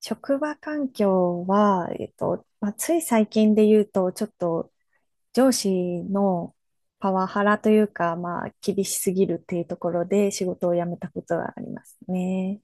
職場環境は、まあ、つい最近で言うと、ちょっと上司のパワハラというか、まあ、厳しすぎるっていうところで仕事を辞めたことがありますね。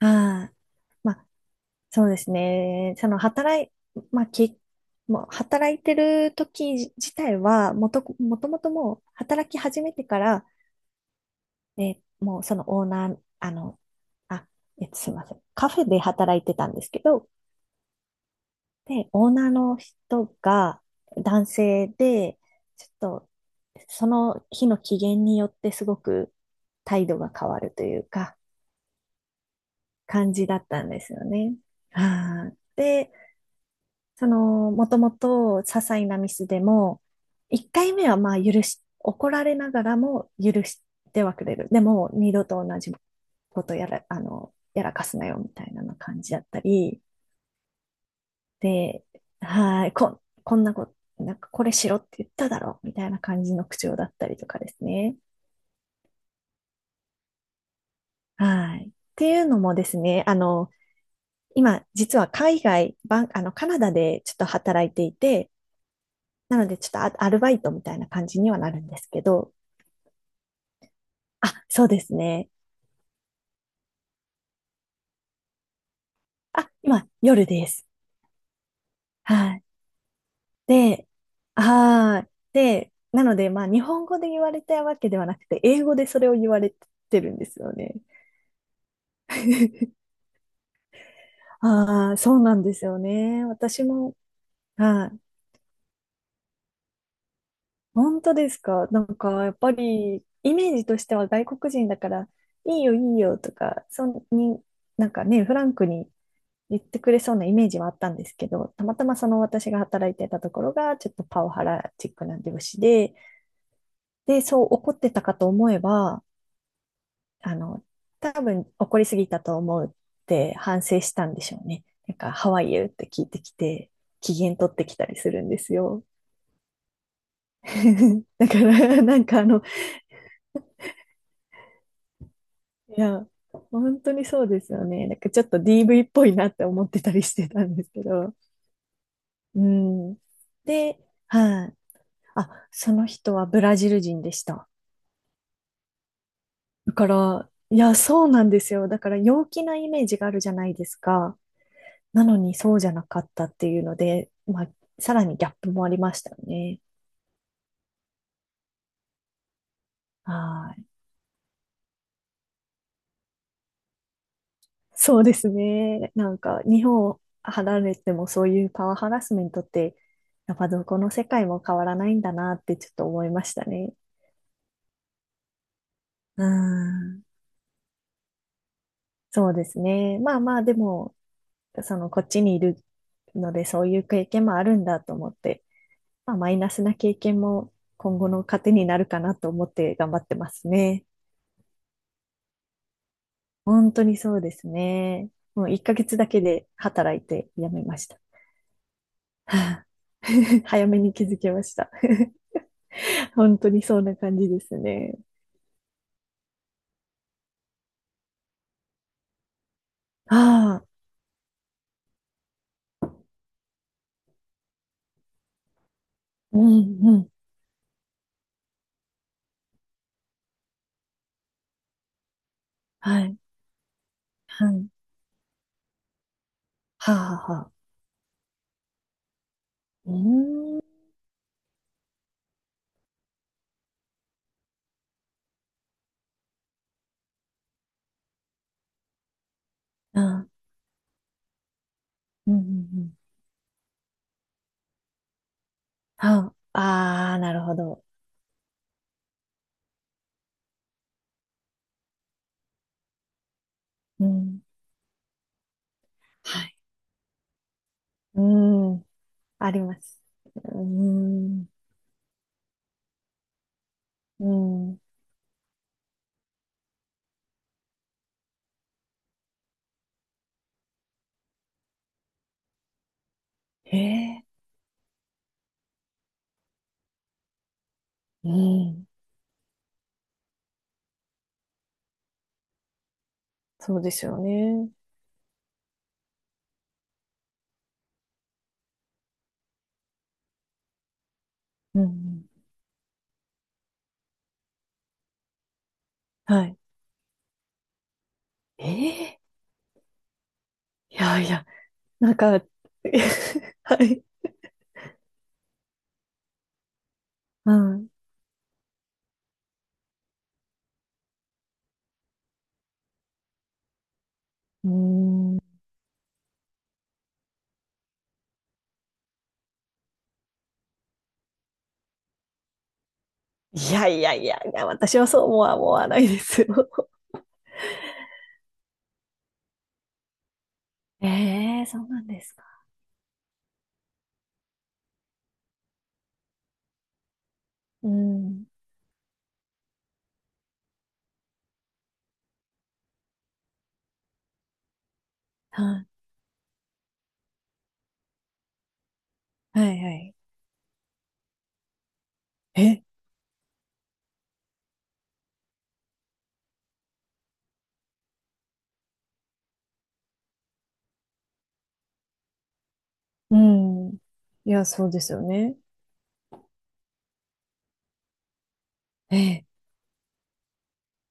はい。まあ、そうですね。その働い、まあ、もう働いてる時自体は、もともと、もう働き始めてから、もうそのオーナー、あすいません。カフェで働いてたんですけど、で、オーナーの人が男性で、ちょっとその日の機嫌によってすごく態度が変わるというか、感じだったんですよね。はい。で、その、もともと些細なミスでも、1回目はまあ許し、怒られながらも許してはくれる。でも、二度と同じことやらかすなよみたいな感じだったり、で、はい、こんなこと、なんかこれしろって言っただろ、みたいな感じの口調だったりとかですね。はい。っていうのもですね、今、実は海外、バン、あの、カナダでちょっと働いていて、なのでちょっとアルバイトみたいな感じにはなるんですけど、あ、そうですね。あ、今、夜です。はい。で、はい。で、なので、まあ、日本語で言われたわけではなくて、英語でそれを言われてるんですよね。ああ、そうなんですよね。私も、はい。本当ですか？なんか、やっぱり、イメージとしては外国人だから、いいよ、いいよとか、そんに、なんかね、フランクに言ってくれそうなイメージはあったんですけど、たまたまその私が働いてたところが、ちょっとパワハラチックな上司で、で、そう怒ってたかと思えば、あの、多分怒りすぎたと思うって反省したんでしょうね。なんか、ハワイ y って聞いてきて、機嫌取ってきたりするんですよ。だから、なんかいや、本当にそうですよね。なんかちょっと DV っぽいなって思ってたりしてたんですけど。うん。で、はい。あ、その人はブラジル人でした。だから、いや、そうなんですよ。だから陽気なイメージがあるじゃないですか。なのにそうじゃなかったっていうので、まあ、さらにギャップもありましたよね。はい。そうですね。なんか、日本を離れてもそういうパワーハラスメントって、やっぱどこの世界も変わらないんだなってちょっと思いましたね。うん。そうですね。まあまあ、でも、その、こっちにいるので、そういう経験もあるんだと思って、まあ、マイナスな経験も今後の糧になるかなと思って頑張ってますね。本当にそうですね。もう1ヶ月だけで働いて辞めました。はあ。 早めに気づきました。本当にそんな感じですね。ああ、うんうん。はい、はい。はあ、はあ、はあ。うーん。ああ、うんうんうん。はあ、ああ、なるほど。うん。はい。うーん。あります。うーん。うん。ええ。うん。そうですよね。うん。はい。ええ。いやいや、なんか。 はい。うん。うーん。いやいやいやいや、私はそう思わないですよ。ええ、そうなんですか？うん。はい、はいはい。え、うん。いや、そうですよね。ええ、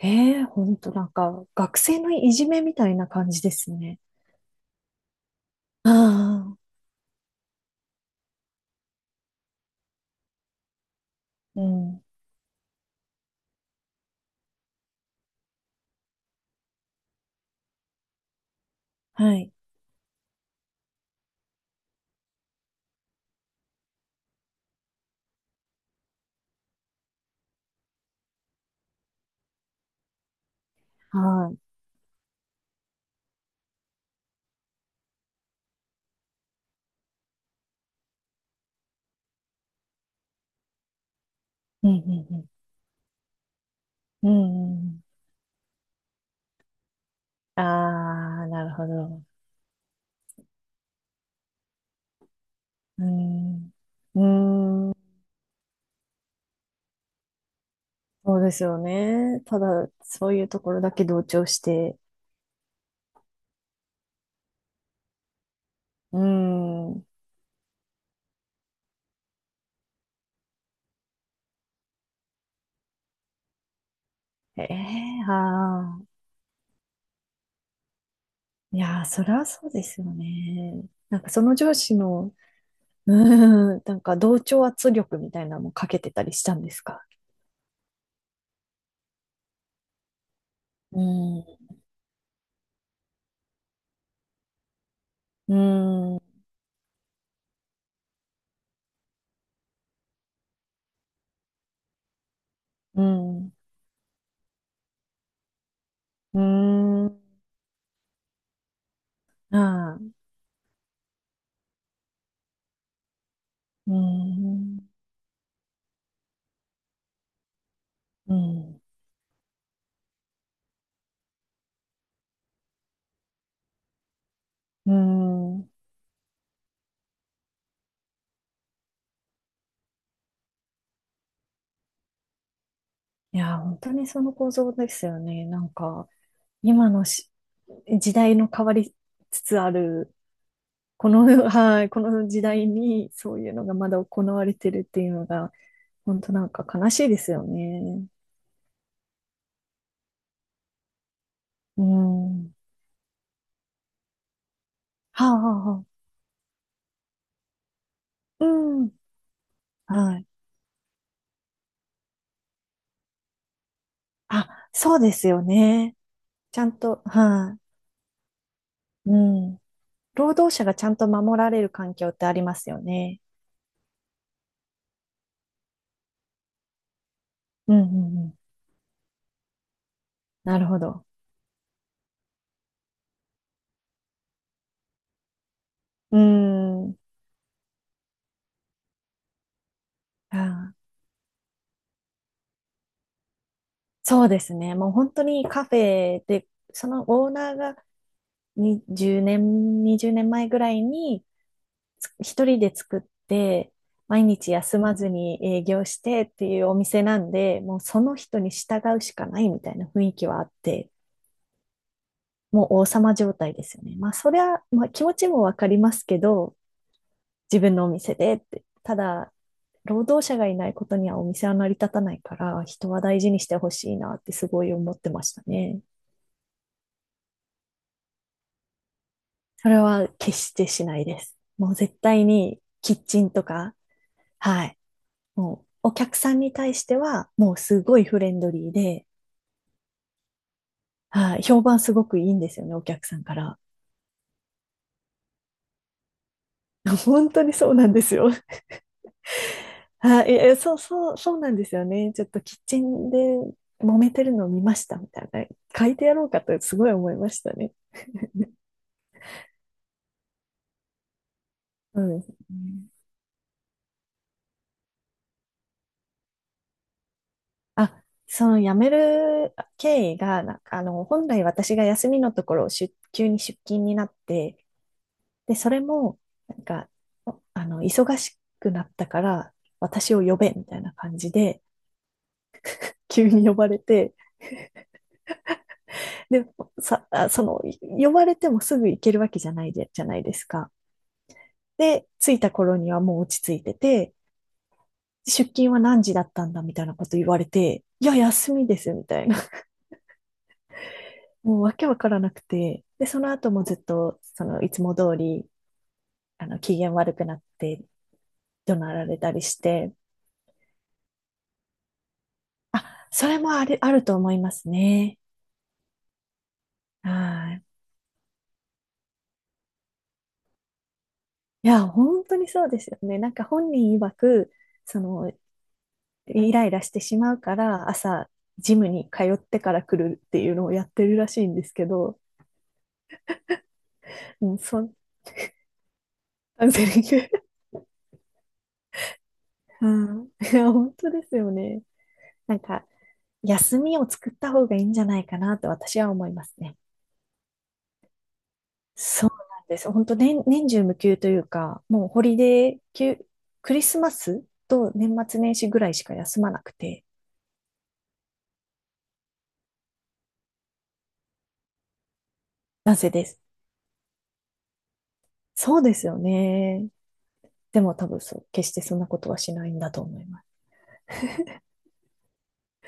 ええ、ほんとなんか、学生のいじめみたいな感じですね。ああ、うん。はい、はい。うん、うん、うん。うん、うん。ああ、なるほど。うん。うん、そうですよね。ただ、そういうところだけ同調して。うん。ええ、ああ。いやー、そりゃそうですよね。なんかその上司の、なんか同調圧力みたいなのもかけてたりしたんですか？うん、うん、うん、うん、ああ、うん、うん、うん。いやー、本当にその構造ですよね。なんか、今の時代の変わりつつある、はい、この時代にそういうのがまだ行われてるっていうのが、本当なんか悲しいですよね。うん。はあ、はあ、はあ。うん。はい。あ、そうですよね。ちゃんと、はい。うん。労働者がちゃんと守られる環境ってありますよね。うん、うん、うん。なるほど。うーん。あー、そうですね。もう本当にカフェで、そのオーナーが20年、20年前ぐらいに、一人で作って、毎日休まずに営業してっていうお店なんで、もうその人に従うしかないみたいな雰囲気はあって、もう王様状態ですよね。まあ、それはまあ、気持ちもわかりますけど、自分のお店でって。ただ、労働者がいないことにはお店は成り立たないから、人は大事にしてほしいなってすごい思ってましたね。それは決してしないです。もう絶対にキッチンとか、はい、もう、お客さんに対しては、もうすごいフレンドリーで、はあ、評判すごくいいんですよね、お客さんから。本当にそうなんですよ。はい、いやそう、そう、そうなんですよね。ちょっとキッチンで揉めてるのを見ました、みたいな。書いてやろうかとすごい思いましたね。うん。あ、その辞める経緯が、なんか本来私が休みのところ、急に出勤になって、で、それも、なんか、忙しくなったから、私を呼べ、みたいな感じで、急に呼ばれて、で、さ、あその、呼ばれてもすぐ行けるわけじゃないですか。で、着いた頃にはもう落ち着いてて、出勤は何時だったんだみたいなこと言われて、いや、休みです、みたいな。もうわけわからなくて。で、その後もずっと、その、いつも通り、機嫌悪くなって、怒鳴られたりして、あ、それもあるあると思いますね。はい。いや、本当にそうですよね。なんか本人曰く、その、イライラしてしまうから、朝、ジムに通ってから来るっていうのをやってるらしいんですけど、うん、カウンセリング。うん。 いや、本当ですよね。なんか、休みを作った方がいいんじゃないかなと私は思いますね。そうなんです。本当年中無休というか、もうホリデー休、クリスマスと年末年始ぐらいしか休まなくて、なぜです。そうですよね。でも多分決してそんなことはしないんだと思います。